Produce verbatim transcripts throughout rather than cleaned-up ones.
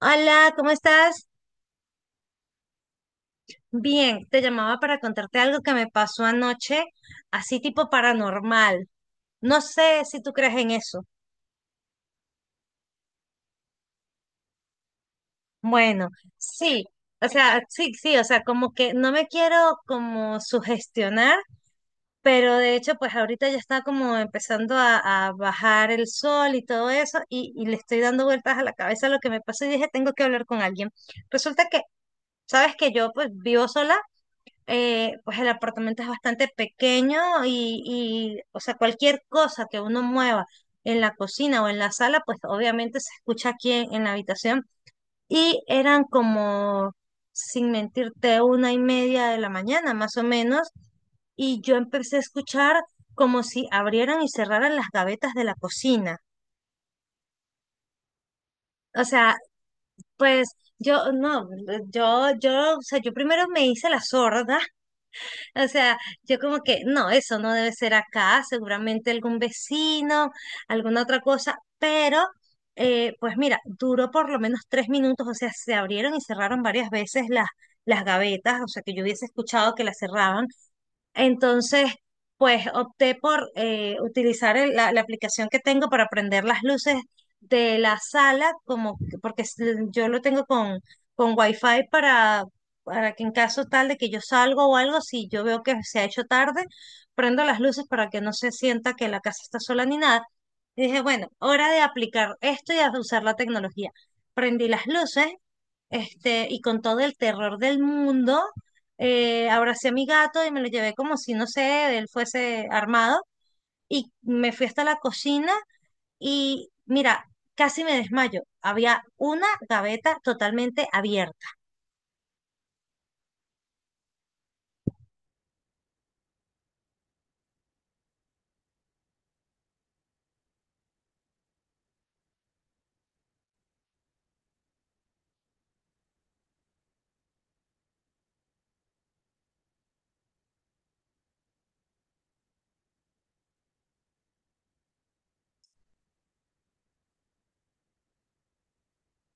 Hola, ¿cómo estás? Bien, te llamaba para contarte algo que me pasó anoche, así tipo paranormal. No sé si tú crees en eso. Bueno, sí, o sea, sí, sí, o sea, como que no me quiero como sugestionar, pero de hecho, pues ahorita ya está como empezando a, a bajar el sol y todo eso, y, y le estoy dando vueltas a la cabeza a lo que me pasó y dije, tengo que hablar con alguien. Resulta que sabes que yo pues vivo sola. Eh, pues el apartamento es bastante pequeño y, y, o sea, cualquier cosa que uno mueva en la cocina o en la sala, pues obviamente se escucha aquí en, en la habitación. Y eran como, sin mentirte, una y media de la mañana, más o menos, y yo empecé a escuchar como si abrieran y cerraran las gavetas de la cocina. O sea, pues yo, no, yo, yo, o sea, yo primero me hice la sorda. O sea, yo como que, no, eso no debe ser acá, seguramente algún vecino, alguna otra cosa, pero eh, pues mira, duró por lo menos tres minutos, o sea, se abrieron y cerraron varias veces las, las gavetas, o sea, que yo hubiese escuchado que las cerraban. Entonces pues opté por eh, utilizar el- la, la aplicación que tengo para prender las luces de la sala, como que- porque es- yo lo tengo con, con Wi-Fi para, para que en caso tal de que yo salgo o algo, si yo veo que se ha hecho tarde, prendo las luces para que no se sienta que la casa está sola ni nada. Y dije, bueno, hora de aplicar esto y a usar la tecnología. Prendí las luces, este, y con todo el terror del mundo, eh, abracé a mi gato y me lo llevé como si, no sé, él fuese armado, y me fui hasta la cocina y mira, casi me desmayo. Había una gaveta totalmente abierta.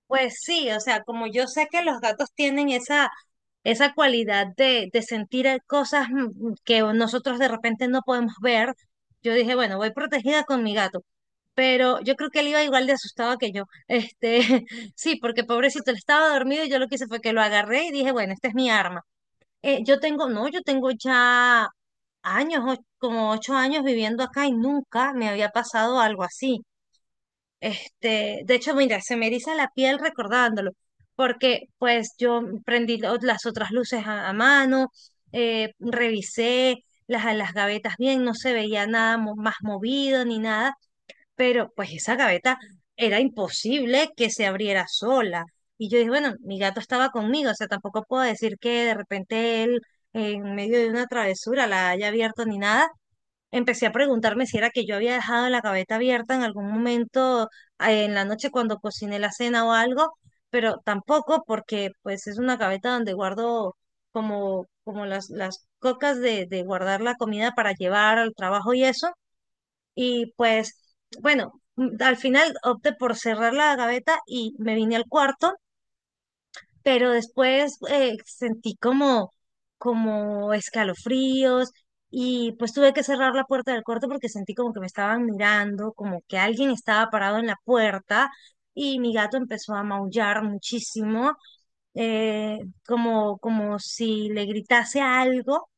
Pues sí, o sea, como yo sé que los gatos tienen esa, esa cualidad de, de sentir eh, cosas mm, que nosotros de repente no podemos ver, yo dije, bueno, voy protegida con mi gato. Pero yo creo que él iba igual de asustado que yo. Este, sí, porque pobrecito, él estaba dormido y yo lo que hice fue que lo agarré y dije, bueno, esta es mi arma. Eh, yo tengo, no, yo tengo ya años, o- como ocho años viviendo acá y nunca me había pasado algo así. Este, de hecho, mira, se me eriza la piel recordándolo, porque pues yo prendí lo- las otras luces a, a mano. Eh, revisé las, las gavetas bien, no se veía nada mo- más movido ni nada, pero pues esa gaveta era imposible que se abriera sola. Y yo dije, bueno, mi gato estaba conmigo, o sea, tampoco puedo decir que de repente él en medio de una travesura la haya abierto ni nada. Empecé a preguntarme si era que yo había dejado la gaveta abierta en algún momento eh, en la noche cuando cociné la cena o algo, pero tampoco porque pues es una gaveta donde guardo como, como las, las cocas de, de guardar la comida para llevar al trabajo y eso. Y pues bueno, mm, al final opté por cerrar la gaveta y me vine al cuarto, pero después eh, sentí como como escalofríos y pues tuve que cerrar la puerta del cuarto porque sentí como que me estaban mirando, como que alguien estaba parado en la puerta y mi gato empezó a maullar muchísimo, eh, como, como si le gritase algo.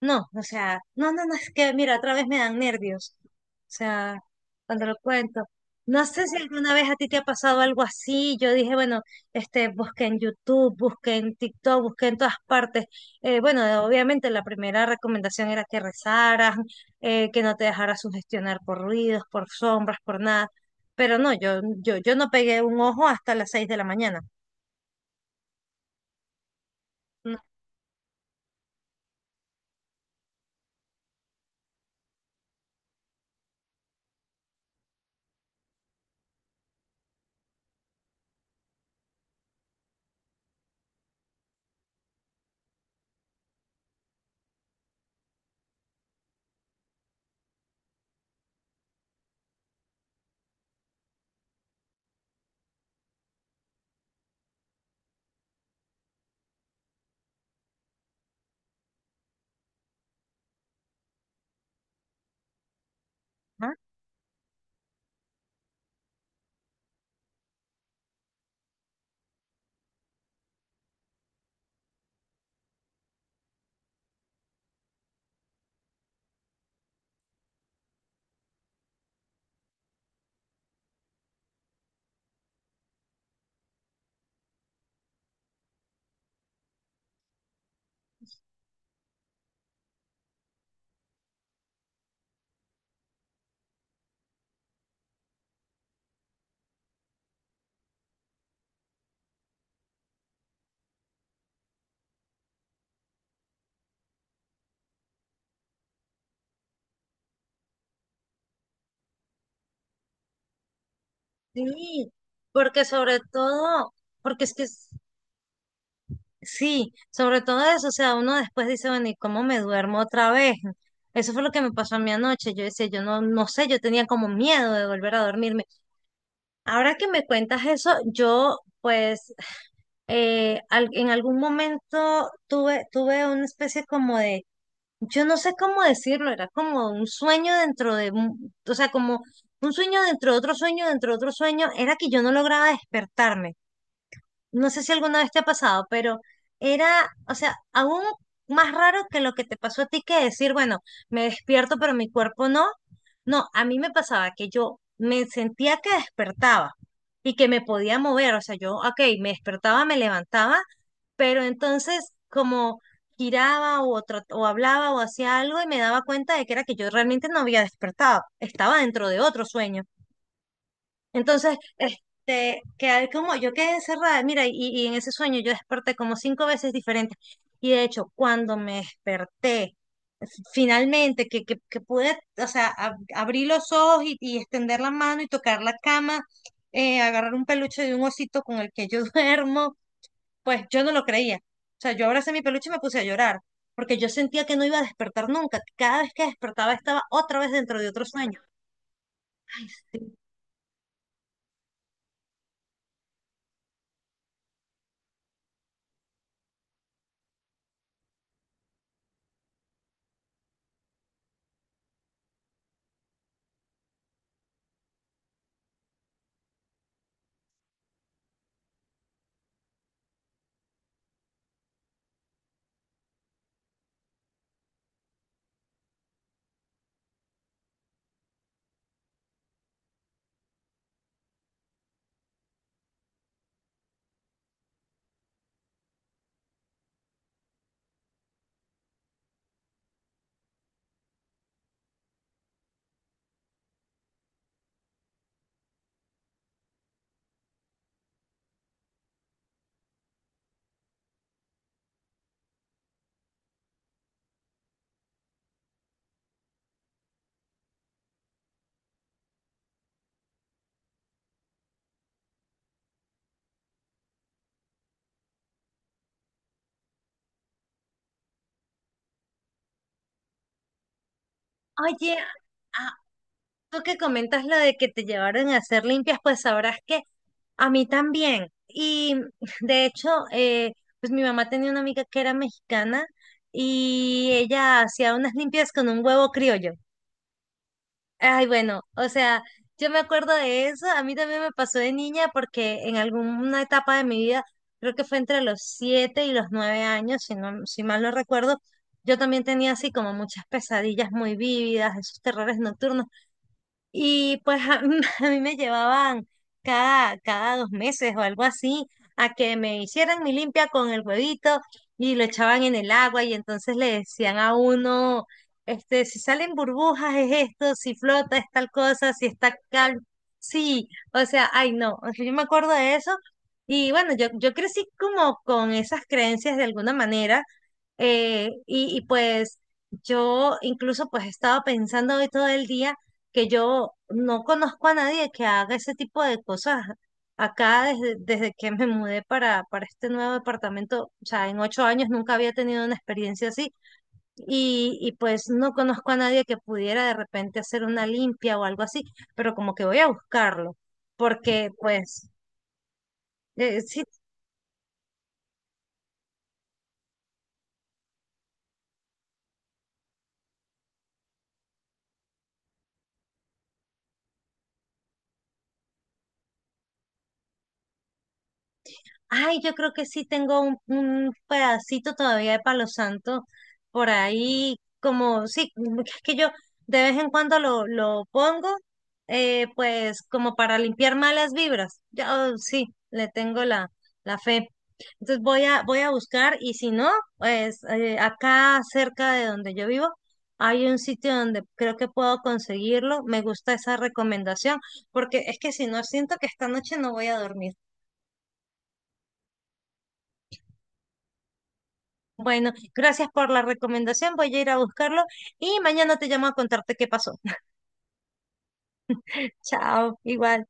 No, o sea, no, no, no, es que mira, otra vez me dan nervios. O sea, cuando lo cuento. No sé si alguna vez a ti te ha pasado algo así. Yo dije, bueno, este, busqué en YouTube, busqué en TikTok, busqué en todas partes. Eh, bueno, obviamente la primera recomendación era que rezaras, eh, que no te dejaras sugestionar por ruidos, por sombras, por nada. Pero no, yo, yo, yo no pegué un ojo hasta las seis de la mañana. No, ajá. Sí, porque sobre todo, porque es que sí, sobre todo eso, o sea, uno después dice, bueno, ¿y cómo me duermo otra vez? Eso fue lo que me pasó a mí anoche. Yo decía, yo no, no sé, yo tenía como miedo de volver a dormirme. Ahora que me cuentas eso, yo pues eh, al- en algún momento tuve, tuve una especie como de, yo no sé cómo decirlo, era como un sueño dentro de, un- o sea, como un sueño dentro de otro sueño, dentro de otro sueño, era que yo no lograba despertarme. No sé si alguna vez te ha pasado, pero era, o sea, aún más raro que lo que te pasó a ti, que decir, bueno, me despierto, pero mi cuerpo no. No, a mí me pasaba que yo me sentía que despertaba y que me podía mover, o sea, yo, ok, me despertaba, me levantaba, pero entonces como giraba o trat- o hablaba o hacía algo y me daba cuenta de que era que yo realmente no había despertado, estaba dentro de otro sueño. Entonces este, quedé como, yo quedé encerrada, mira, y, y en ese sueño yo desperté como cinco veces diferentes. Y de hecho, cuando me desperté f- finalmente, que, que, que pude, o sea, ab- abrir los ojos y, y extender la mano y tocar la cama, eh, agarrar un peluche de un osito con el que yo duermo, pues yo no lo creía. O sea, yo abracé mi peluche y me puse a llorar, porque yo sentía que no iba a despertar nunca. Que Cada vez que despertaba estaba otra vez dentro de otro sueño. Oye, tú que comentas lo de que te llevaron a hacer limpias, pues sabrás que a mí también. Y de hecho, eh, pues mi mamá tenía una amiga que era mexicana y ella hacía unas limpias con un huevo criollo. Ay, bueno, o sea, yo me acuerdo de eso. A mí también me pasó de niña porque en alguna etapa de mi vida, creo que fue entre los siete y los nueve años, si no, si mal no recuerdo, yo también tenía así como muchas pesadillas muy vívidas, esos terrores nocturnos, y pues a a mí me llevaban cada, cada dos meses o algo así a que me hicieran mi limpia con el huevito, y lo echaban en el agua y entonces le decían a uno, este, si salen burbujas es esto, si flota es tal cosa, si está calmo, sí, o sea, ay no, o sea, yo me acuerdo de eso. Y bueno, yo, yo crecí como con esas creencias de alguna manera. Eh, y, y pues yo incluso pues he estado pensando hoy todo el día que yo no conozco a nadie que haga ese tipo de cosas acá desde, desde que me mudé para, para este nuevo departamento. O sea, en ocho años nunca había tenido una experiencia así. Y, y pues no conozco a nadie que pudiera de repente hacer una limpia o algo así, pero como que voy a buscarlo, porque pues eh, sí. Ay, yo creo que sí tengo un, un pedacito todavía de Palo Santo por ahí, como, sí, es que yo de vez en cuando lo, lo pongo, eh, pues como para limpiar malas vibras. Ya, oh, sí, le tengo la, la fe. Entonces voy a, voy a buscar, y si no, pues eh, acá cerca de donde yo vivo hay un sitio donde creo que puedo conseguirlo. Me gusta esa recomendación porque es que si no, siento que esta noche no voy a dormir. Bueno, gracias por la recomendación. Voy a ir a buscarlo y mañana te llamo a contarte qué pasó. Chao, igual.